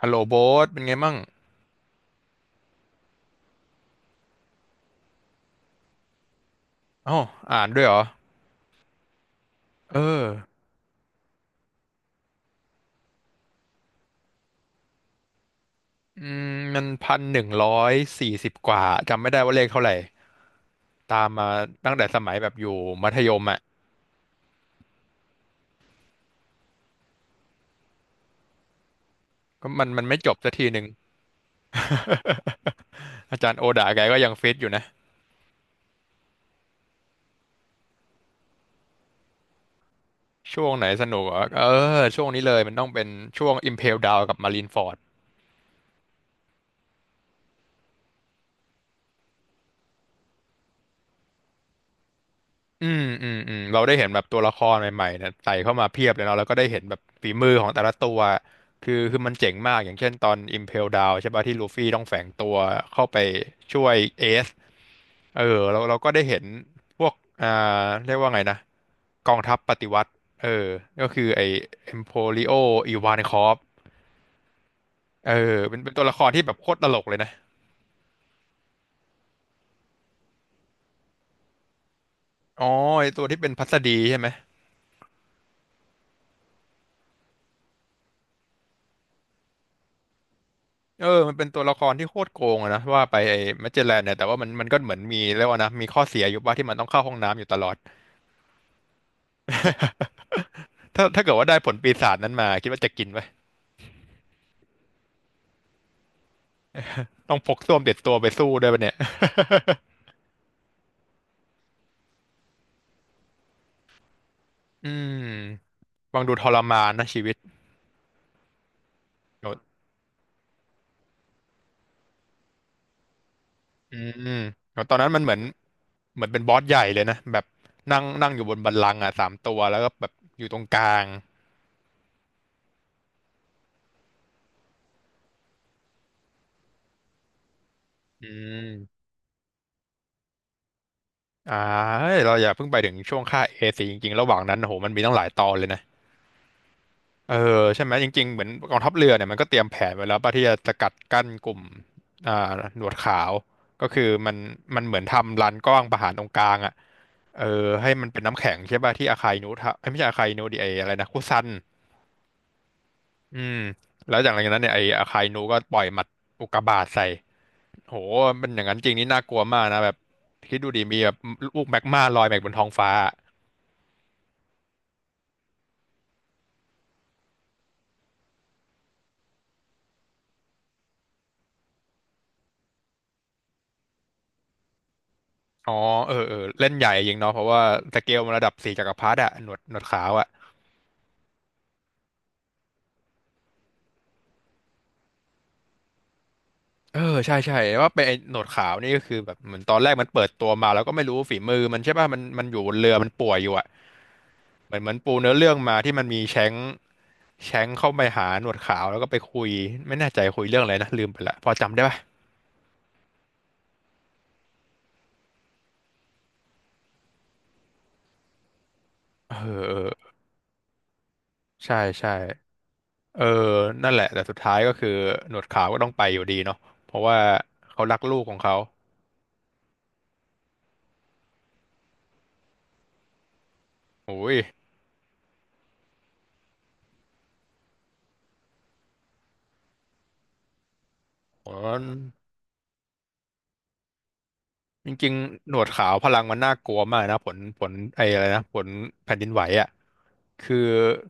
ฮัลโหลโบ๊ทเป็นไงมั่งอ๋ออ่านด้วยเหรอเอออืมมัน1,140 กว่าจำไม่ได้ว่าเลขเท่าไหร่ตามมาตั้งแต่สมัยแบบอยู่มัธยมอ่ะก็มันไม่จบสักทีหนึ่ง อาจารย์โอดาแกก็ยังฟิตอยู่นะช่วงไหนสนุกเหรอเออช่วงนี้เลยมันต้องเป็นช่วง Impel Down กับ Marineford อืมอืมอืมเราได้เห็นแบบตัวละครใหม่ๆเนี่ยใส่เข้ามาเพียบเลยเนาะแล้วก็ได้เห็นแบบฝีมือของแต่ละตัวคือมันเจ๋งมากอย่างเช่นตอน Impel Down ใช่ป่ะที่ลูฟี่ต้องแฝงตัวเข้าไปช่วยเอซเออเราก็ได้เห็นพวกอ่าเรียกว่าไงนะกองทัพปฏิวัติเออก็คือไอ้ Emporio Ivankov เออเป็นตัวละครที่แบบโคตรตลกเลยนะอ๋อไอ้ตัวที่เป็นพัสดีใช่ไหม เออมันเป็นตัวละครที่โคตรโกงอะนะว่าไปไอ้แมจเจลแลนเนี่ยแต่ว่ามันก็เหมือนมีเรียกว่านะมีข้อเสียอยู่ว่าที่มันต้องเข้าห้องน้ำอยู่ตลอดถ้าเกิดว่าได้ผลปีศาจนั้นมาคิดว่าจะกินไหมต้องพกส้วมติดตัวไปสู้ด้วยปะเนี่ยอืมฟังดูทรมานนะชีวิตโนอืมโนตอนนั้นมันเหมือนเหมือนเป็นบอสใหญ่เลยนะแบบนั่งนั่งอยู่บนบัลลังก์อ่ะสามตัวแล้วก็แบบอยู่ตรงกลางอืมอ่าเฮ้ยเราอย่าเพิ่งไปถึงช่วงค่าเอซีจริงๆระหว่างนั้นโอ้โหมันมีตั้งหลายตอนเลยนะ เออใช่ไหมจริงๆเหมือนกองทัพเรือเนี่ยมันก็เตรียมแผนไว้แล้วป่ะที่จะสกัดกั้นกลุ่มอ่าหนวดขาวก็คือมันเหมือนทำลานกว้างประหารตรงกลางอ่ะเออให้มันเป็นน้ำแข็งใช่ป่ะที่อาคายนูทะเอ้ยไม่ใช่อาคายนูดิไออะไรนะคุซันอืมแล้วจากนั้นเนี่ยไออาคายนูก็ปล่อยหมัดอุกกาบาตใส่โหมันอย่างนั้นจริงนี่น่ากลัวมากนะแบบคิดดูดิมีแบบลูกแมกมาลอยมาบนท้องฟ้าอ๋อเออเออเล่นใหญ่จริงเนาะเพราะว่าสเกลมันระดับสี่จักรพรรดิอะหนวดขาวอะ เออใช่ใช่ว่าเป็นไอ้หนวดขาวนี่ก็คือแบบเหมือนตอนแรกมันเปิดตัวมาแล้วก็ไม่รู้ฝีมือมันใช่ป่ะมันอยู่บนเรือมันป่วยอยู่อ่ะเหมือนเหมือนปูเนื้อเรื่องมาที่มันมีแชงค์แชงค์เข้าไปหาหนวดขาวแล้วก็ไปคุยไม่แน่ใจคุยเรื่องอะไรนะลืมไปละพอจำได้ป่ะเออเออใช่ใช่เออนั่นแหละแต่สุดท้ายก็คือหนวดขาวก็ต้องไปอยู่ดีเนาะเพราะว่าเขารักลูกของเขาโอ้ยโห จริงๆหนวดขาวพลังมันน่ากลัวมากนะผลไอ้อะไรนะผลแผ่นดินไหวอ่ะคือ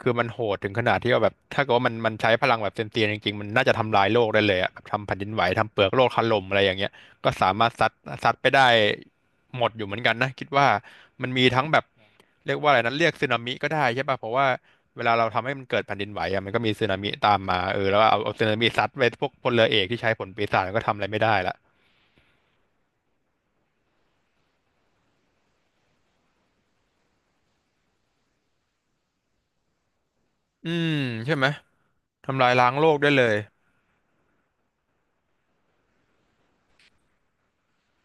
คือมันโหดถึงขนาดที่ว่าแบบถ้าเกิดว่ามันใช้พลังแบบเต็มเตียงจริงๆมันน่าจะทำลายโลกได้เลยอ่ะแบบทำแผ่นดินไหวทำเปลือกโลกถล่มอะไรอย่างเงี้ยก็สามารถซัดซัดไปได้หมดอยู่เหมือนกันนะคิดว่ามันมีทั้งแบบเรียกว่าอะไรนะเรียกสึนามิก็ได้ใช่ป่ะเพราะว่าเวลาเราทำให้มันเกิดแผ่นดินไหวอ่ะมันก็มีสึนามิตามมาเออแล้วก็เอาสึนามิซัดไปพวกพลเรือเอกที่ใช้ผลปีศาจก็ทำอะไรไม่ได้ละอืมใช่ไหม ทำลายล้างโลกได้เลย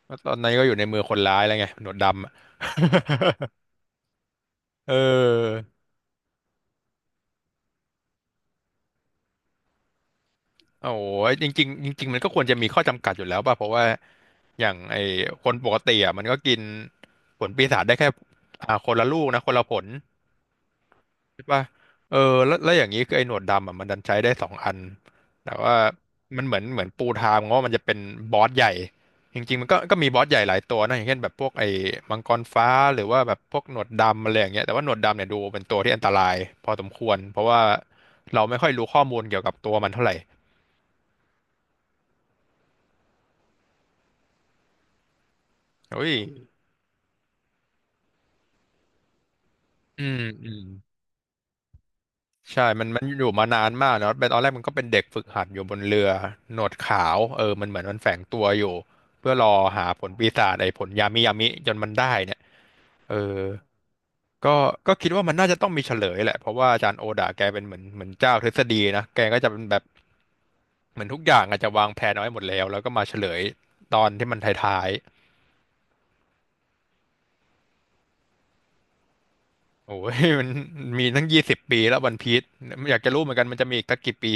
แล้วตอนนี้ก็อยู่ในมือคนร้ายแล้วไงหนวดดำอะ เออโอ้โหจริงๆจริงๆมันก็ควรจะมีข้อจำกัดอยู่แล้วป่ะ เพราะว่าอย่างไอ้คนปกติอ่ะมันก็กินผลปีศาจได้แค่อ่าคนละลูกนะคนละผล ใช่ป่ะเออแล้วอย่างนี้คือไอ้หนวดดำอ่ะมันดันใช้ได้สองอันแต่ว่ามันเหมือนปูทางว่ามันจะเป็นบอสใหญ่จริงๆมันก็มีบอสใหญ่หลายตัวนะอย่างเช่นแบบพวกไอ้มังกรฟ้าหรือว่าแบบพวกหนวดดำอะไรอย่างเงี้ยแต่ว่าหนวดดำเนี่ยดูเป็นตัวที่อันตรายพอสมควรเพราะว่าเราไม่ค่อยรู้ข้อมูลเกี่ยวกับตัวมันเท่าไหร่เฮ้ยอืมอืม ใช่มันอยู่มานานมากเนาะเป็นตอนแรกมันก็เป็นเด็กฝึกหัดอยู่บนเรือหนวดขาวเออมันเหมือนมันแฝงตัวอยู่เพื่อรอหาผลปีศาจไอ้ผลยามิยามิจนมันได้เนี่ยเออก็ก็คิดว่ามันน่าจะต้องมีเฉลยแหละเพราะว่าอาจารย์โอดาแกเป็นเหมือนเจ้าทฤษฎีนะ แกก็จะเป็นแบบเหมือนทุกอย่างอาจจะวางแผนเอาไว้หมดแล้วก็มาเฉลยตอนที่มันท้ายๆโอ้ย มันมีตั้ง20 ปีแล้ววันพีซอยากจะรู้เหมือนกันมันจะมีอีกสักกี่ปี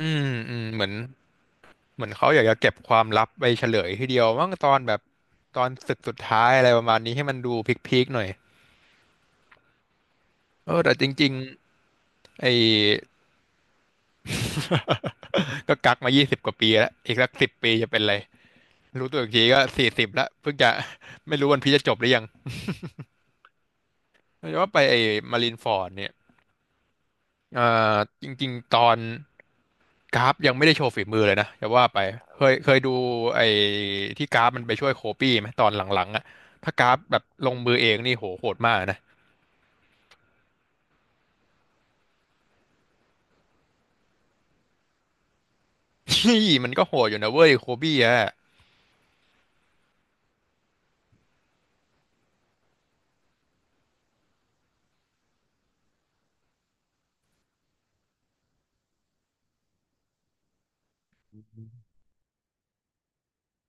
อืมอืมเหมือนเขาอยากจะเก็บความลับไปเฉลยทีเดียวมั้งตอนแบบตอนศึกสุดท้ายอะไรประมาณนี้ให้มันดูพีคๆหน่อยเออแต่จริงๆไอ้ก็กักมา20 กว่าปีแล้วอีกสักสิบปีจะเป็นไร รู้ตัวอีกทีก็40แล้วเพิ่งจะ ไม่รู้วันพีชจะจบหรือยังแต่ว่าไปไอ้มารินฟอร์ดเนี่ยเอ่อจริงๆตอนกราฟยังไม่ได้โชว์ฝีมือเลยนะจะว่าไปเคยดูไอ้ที่กราฟมันไปช่วยโคบี้ไหมตอนหลังๆอ่ะถ้ากราฟแบบลงมือเองนี่โหโหดมากนะ นี่มันก็โหดอยู่นะเว้ยโคบี้อ่ะ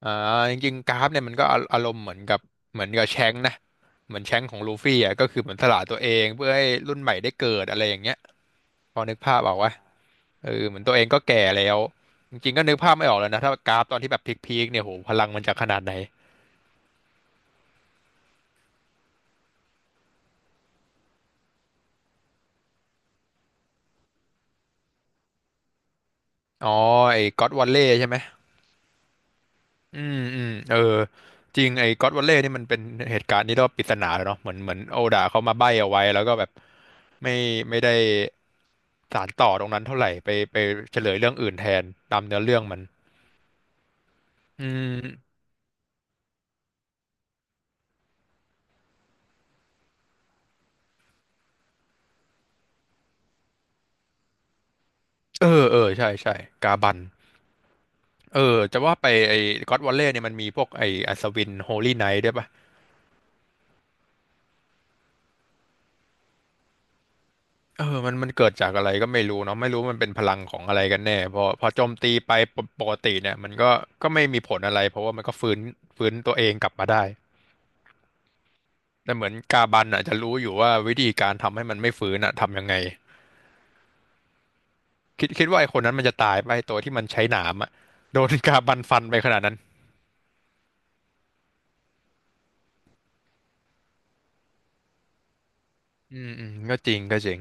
อ่าจริงๆกราฟเนี่ยมันก็อารมณ์เหมือนกับแชงค์นะเหมือนแชงค์ของลูฟี่อ่ะก็คือเหมือนสละตัวเองเพื่อให้รุ่นใหม่ได้เกิดอะไรอย่างเงี้ยพอนึกภาพออกวะเออเหมือนตัวเองก็แก่แล้วจริงๆก็นึกภาพไม่ออกแล้วนะถ้ากราฟตอนที่แบบพีคๆเนี่ยโหพลังมันจะขนาดไหนอ๋อไอ้ก็อดวัลเล่ใช่ไหมอืมอืมเออจริงไอ้ก็อดวัลเล่นี่มันเป็นเหตุการณ์ที่เรียกว่าปริศนาเลยเนาะเหมือนโอดาเขามาใบ้เอาไว้แล้วก็แบบไม่ไม่ได้ สานต่อตรงนั้นเท่าไหร่ไปเฉลยเรื่องอื่นแทนตามเนื้อเรื่องมันอืมเออเออใช่ใช่กาบันเออจะว่าไปไอ้ก็ d วอลเลย์เนี่ยมันมีพวกไอ้อัศวินโฮลี่ไนท์ด้วยปะเออมันเกิดจากอะไรก็ไม่รู้เนาะไม่รู้มันเป็นพลังของอะไรกันแน่พอโจมตีไปปกติเนี่ยมันก็ไม่มีผลอะไรเพราะว่ามันก็ฟื้นตัวเองกลับมาได้แต่เหมือนกาบันอ่ะจะรู้อยู่ว่าวิธีการทำให้มันไม่ฟื้นอ่ะทำยังไงคิดว่าไอ้คนนั้นมันจะตายไปะไอ้ตัวที่มันใช้หนามอ่ะโดนกาบันฟันไปขนาดนั้น อืมอืมก็จริงก็จริง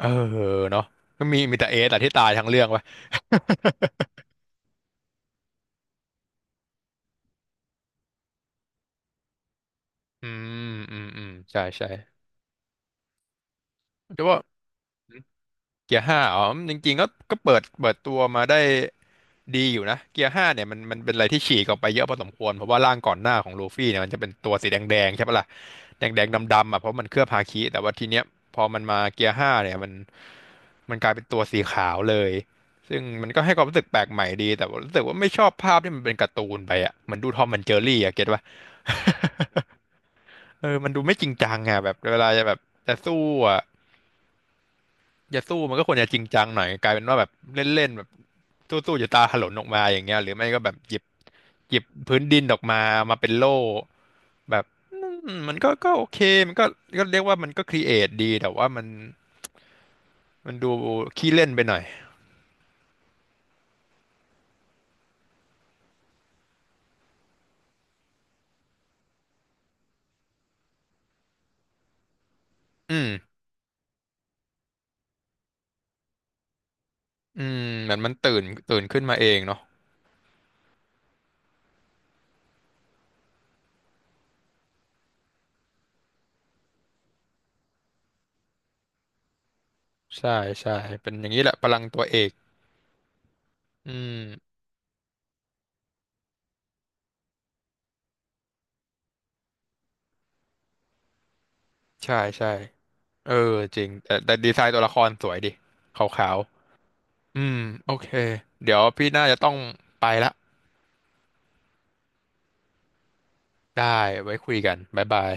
เออเนาะก็มีแต่เอสแต่ที่ตายทั้งเรื่องวะ อืมอืมอืมใช่ใช่แต่ว่าเกียร์ห้าอ๋อจริงๆก็เปิดตัวมาได้ ดีอยู่นะเกียร์ห้าเนี่ยมันเป็นอะไรที่ฉีกออกไปเยอะพอสมควรเพราะว่าร่างก่อนหน้าของลูฟี่เนี่ยมันจะเป็นตัวสีแดงๆใช่ปะล่ะแดงๆดำๆอ่ะเพราะมันเคลือบฮาคิแต่ว่าทีเนี้ยพอมันมาเกียร์ห้าเนี่ยมันกลายเป็นตัวสีขาวเลยซึ่งมันก็ให้ความรู้สึกแปลกใหม่ดีแต่ว่ารู้สึกว่าไม่ชอบภาพที่มันเป็นการ์ตูนไปอ่ะเหมือนดูทอมแอนด์เจอรี่อ่ะเก็ตป่ะ เออมันดูไม่จริงจังอ่ะแบบเวลาจะแบบจะสู้อ่ะจะสู้มันก็ควรจะจริงจังหน่อยกลายเป็นว่าแบบเล่นๆแบบสู้ๆจะตาถลนออกมาอย่างเงี้ยหรือไม่ก็แบบหยิบพื้นดินออกมามาเป็นโล่แบบอืมมันก็โอเคมันก็เรียกว่ามันก็ครีเอทดีแต่ว่ามันดูขี้เล่นไปหน่อยอืมอืมเหมือนมันตื่นขึ้นมาเองเนาะใช่ใช่เป็นอย่างนี้แหละพลังตัวเอกอืมใช่ใช่เออจริงแต่ดีไซน์ตัวละครสวยดิขาวๆอืมโอเคเดี๋ยวพี่น่าจะต้องไปละได้ไว้คุยกันบ๊ายบาย